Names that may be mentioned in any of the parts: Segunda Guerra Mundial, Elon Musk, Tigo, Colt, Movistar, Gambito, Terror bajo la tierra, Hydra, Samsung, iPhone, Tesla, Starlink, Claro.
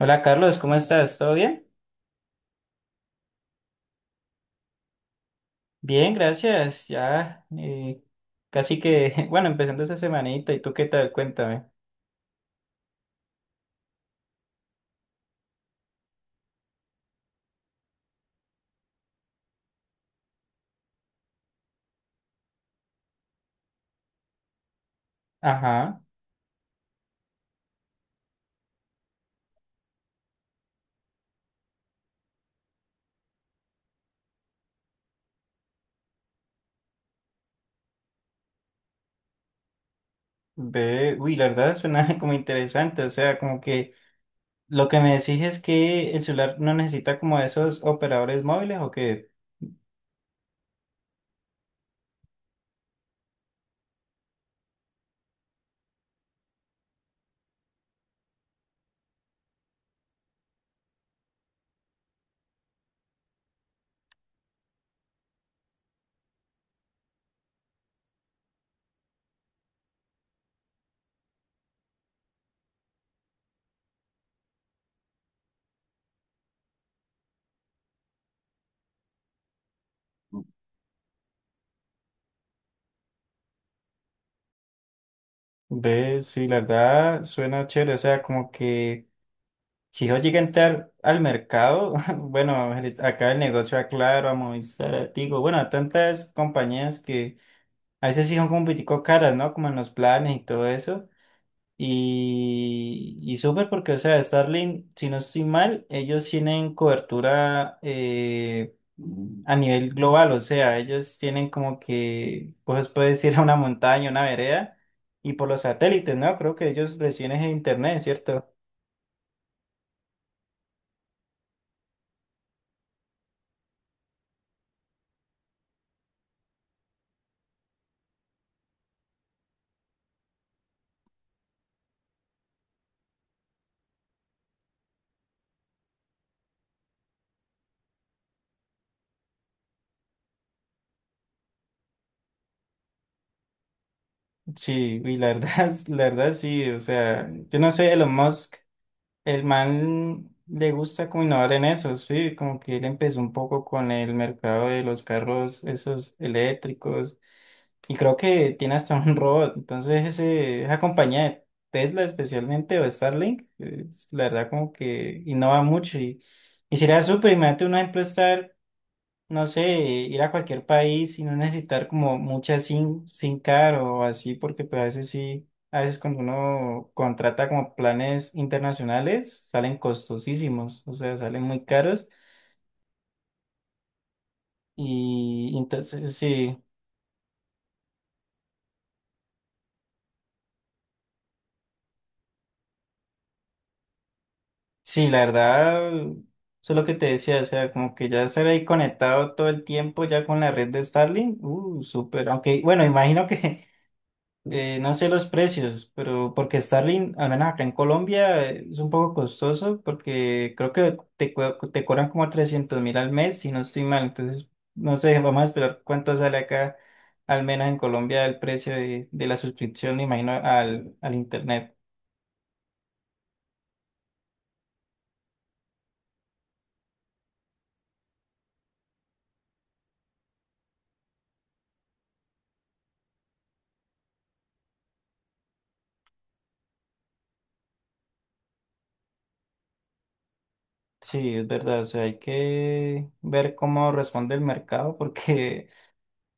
Hola Carlos, ¿cómo estás? ¿Todo bien? Bien, gracias. Ya casi que, bueno, empezando esta semanita. ¿Y tú qué tal? Cuéntame. Ajá. Ve, uy, la verdad suena como interesante. O sea, como que lo que me decís es que el celular no necesita como esos operadores móviles o que, ve, sí, la verdad suena chévere. O sea, como que si yo llegué a entrar al mercado, bueno, acá el negocio a Claro, a Movistar, a Tigo, bueno, a tantas compañías que a veces sí son como un poquitico caras, ¿no? Como en los planes y todo eso. Y súper porque, o sea, Starlink, si no estoy mal, ellos tienen cobertura a nivel global, o sea, ellos tienen como que, pues puedes ir a una montaña, una vereda, y por los satélites, ¿no? Creo que ellos reciben ese internet, ¿cierto? Sí, y la verdad, la verdad sí, o sea, yo no sé, Elon Musk. El man le gusta como innovar en eso, sí, como que él empezó un poco con el mercado de los carros, esos eléctricos, y creo que tiene hasta un robot, entonces ese, esa compañía de Tesla especialmente o Starlink, es, la verdad como que innova mucho y sería súper, imagínate uno ejemplo estar no sé, ir a cualquier país y no necesitar como mucha SIM card o así, porque pues a veces sí, a veces cuando uno contrata como planes internacionales, salen costosísimos, o sea, salen muy caros y entonces sí, sí, la verdad, eso es lo que te decía, o sea, como que ya estar ahí conectado todo el tiempo ya con la red de Starlink, súper, aunque bueno, imagino que no sé los precios, pero porque Starlink, al menos acá en Colombia, es un poco costoso porque creo que te cobran como 300.000 al mes, si no estoy mal. Entonces, no sé, vamos a esperar cuánto sale acá, al menos en Colombia, el precio de la suscripción, me imagino, al Internet. Sí, es verdad, o sea, hay que ver cómo responde el mercado porque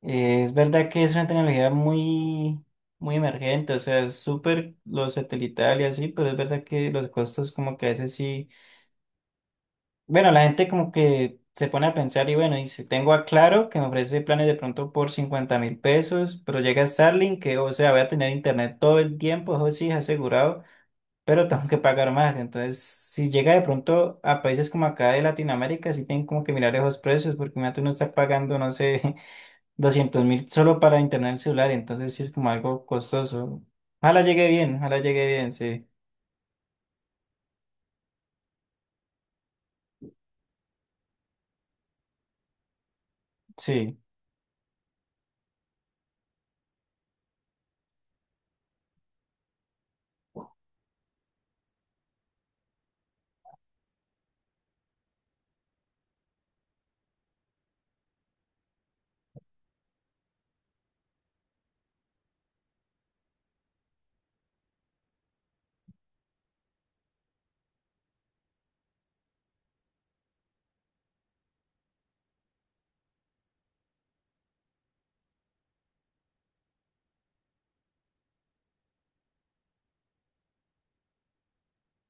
es verdad que es una tecnología muy, muy emergente, o sea, es súper lo satelital y así, pero es verdad que los costos como que a veces sí, bueno, la gente como que se pone a pensar y bueno, dice tengo a Claro que me ofrece planes de pronto por 50.000 pesos, pero llega Starlink que, o sea, voy a tener internet todo el tiempo, eso sí es asegurado, pero tengo que pagar más, entonces si llega de pronto a países como acá de Latinoamérica, sí tienen como que mirar esos precios, porque imagínate uno está pagando, no sé 200.000 solo para internet celular, entonces sí es como algo costoso. Ojalá llegue bien, sí, sí,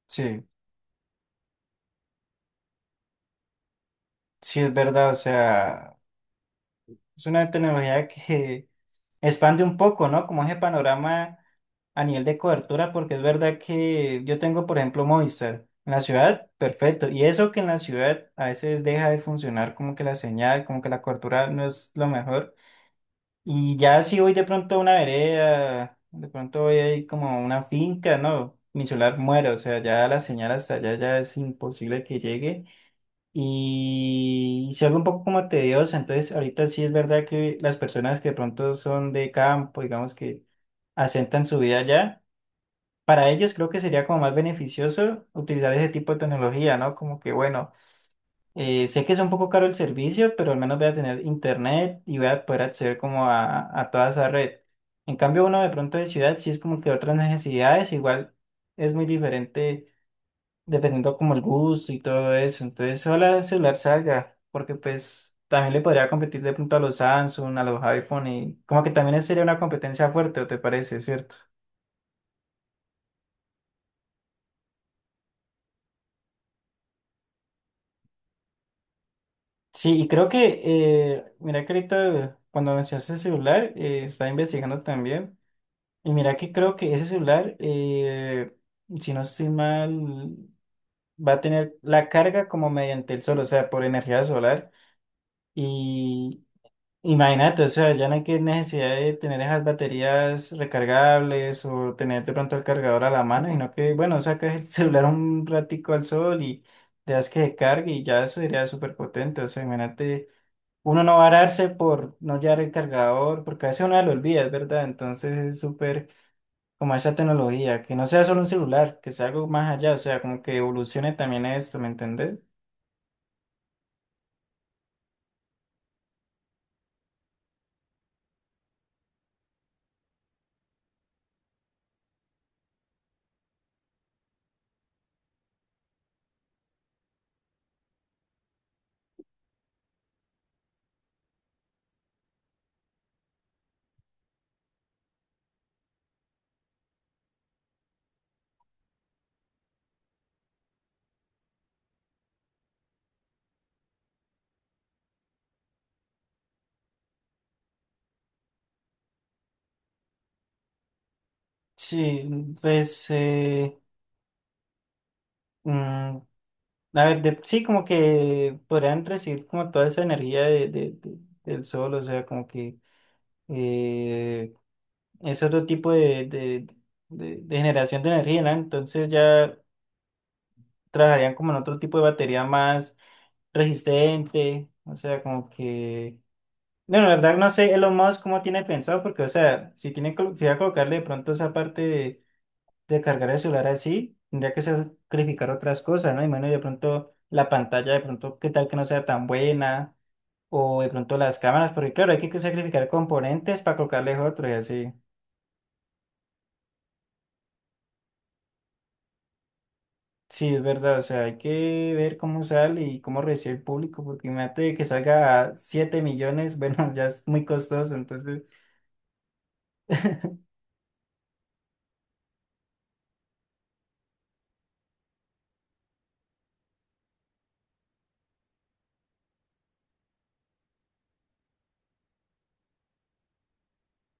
sí, sí es verdad, o sea, es una tecnología que expande un poco, ¿no? Como ese panorama a nivel de cobertura, porque es verdad que yo tengo, por ejemplo, Movistar en la ciudad, perfecto, y eso que en la ciudad a veces deja de funcionar como que la señal, como que la cobertura no es lo mejor. Y ya si voy de pronto a una vereda, de pronto voy ahí como a una finca, ¿no? Mi celular muere, o sea, ya la señal hasta allá ya es imposible que llegue. Y se vuelve un poco como tediosa entonces ahorita sí es verdad que las personas que de pronto son de campo, digamos que asentan su vida allá, para ellos creo que sería como más beneficioso utilizar ese tipo de tecnología, ¿no? Como que bueno. Sé que es un poco caro el servicio, pero al menos voy a tener internet y voy a poder acceder como a toda esa red. En cambio, uno de pronto de ciudad sí es como que otras necesidades, igual es muy diferente dependiendo como el gusto y todo eso. Entonces, ojalá el celular salga, porque pues también le podría competir de pronto a los Samsung, a los iPhone y como que también sería una competencia fuerte, ¿o te parece, cierto? Sí, y creo que, mira que ahorita cuando mencionaste el celular, estaba investigando también. Y mira que creo que ese celular, si no estoy mal, va a tener la carga como mediante el sol, o sea, por energía solar. Y imagínate, o sea, ya no hay que necesidad de tener esas baterías recargables o tener de pronto el cargador a la mano, sino que, bueno, sacas el celular un ratico al sol y dejas que se cargue y ya eso sería súper potente, o sea, imagínate. Uno no va a darse por no llevar el cargador, porque a veces uno lo olvida, es verdad. Entonces es súper como a esa tecnología, que no sea solo un celular, que sea algo más allá, o sea, como que evolucione también esto, ¿me entendés? Sí, pues, mm, a ver, sí, como que podrían recibir como toda esa energía del sol, o sea, como que eh, es otro tipo de generación de energía, ¿no? Entonces ya trabajarían como en otro tipo de batería más resistente, o sea, como que... No, la verdad no sé Elon Musk cómo tiene pensado, porque, o sea, si va a colocarle de pronto esa parte de cargar el celular así, tendría que sacrificar otras cosas, ¿no? Y bueno, de pronto la pantalla, de pronto, qué tal que no sea tan buena, o de pronto las cámaras, porque claro, hay que sacrificar componentes para colocarles otros y así. Sí, es verdad, o sea, hay que ver cómo sale y cómo recibe el público, porque imagínate que salga a 7 millones, bueno, ya es muy costoso, entonces,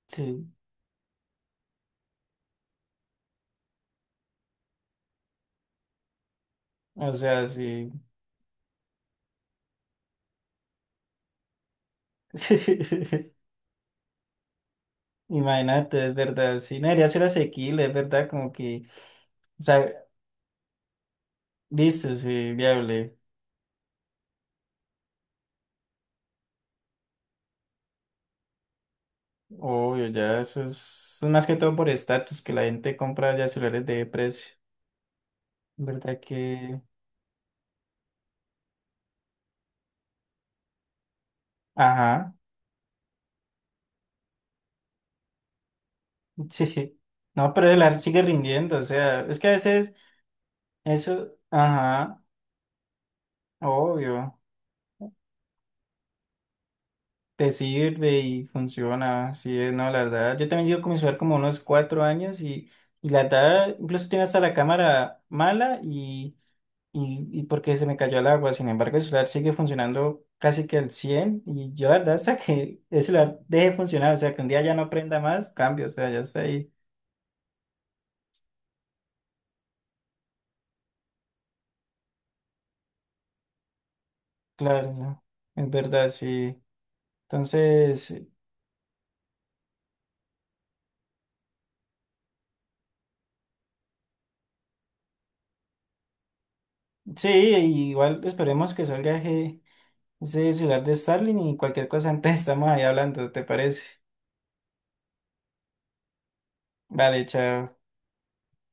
sí, o sea, sí. Imagínate, es verdad, sí, no debería ser asequible, es verdad, como que, o sea, listo, sí, viable, obvio, ya eso es más que todo por estatus, que la gente compra ya celulares de precio, verdad que, ajá, sí, no, pero el ar sigue rindiendo, o sea, es que a veces eso, ajá, obvio, te sirve y funciona, sí, es, no, la verdad, yo también llevo con mi celular como unos 4 años y la verdad, incluso tiene hasta la cámara mala y porque se me cayó el agua. Sin embargo, el celular sigue funcionando casi que al 100 y yo la verdad hasta que el celular deje de funcionar, o sea, que un día ya no prenda más, cambio, o sea, ya está ahí. Claro, ¿no? Es verdad, sí. Entonces, sí, igual esperemos que salga ese celular de Starling y cualquier cosa, antes estamos ahí hablando, ¿te parece? Vale, chao.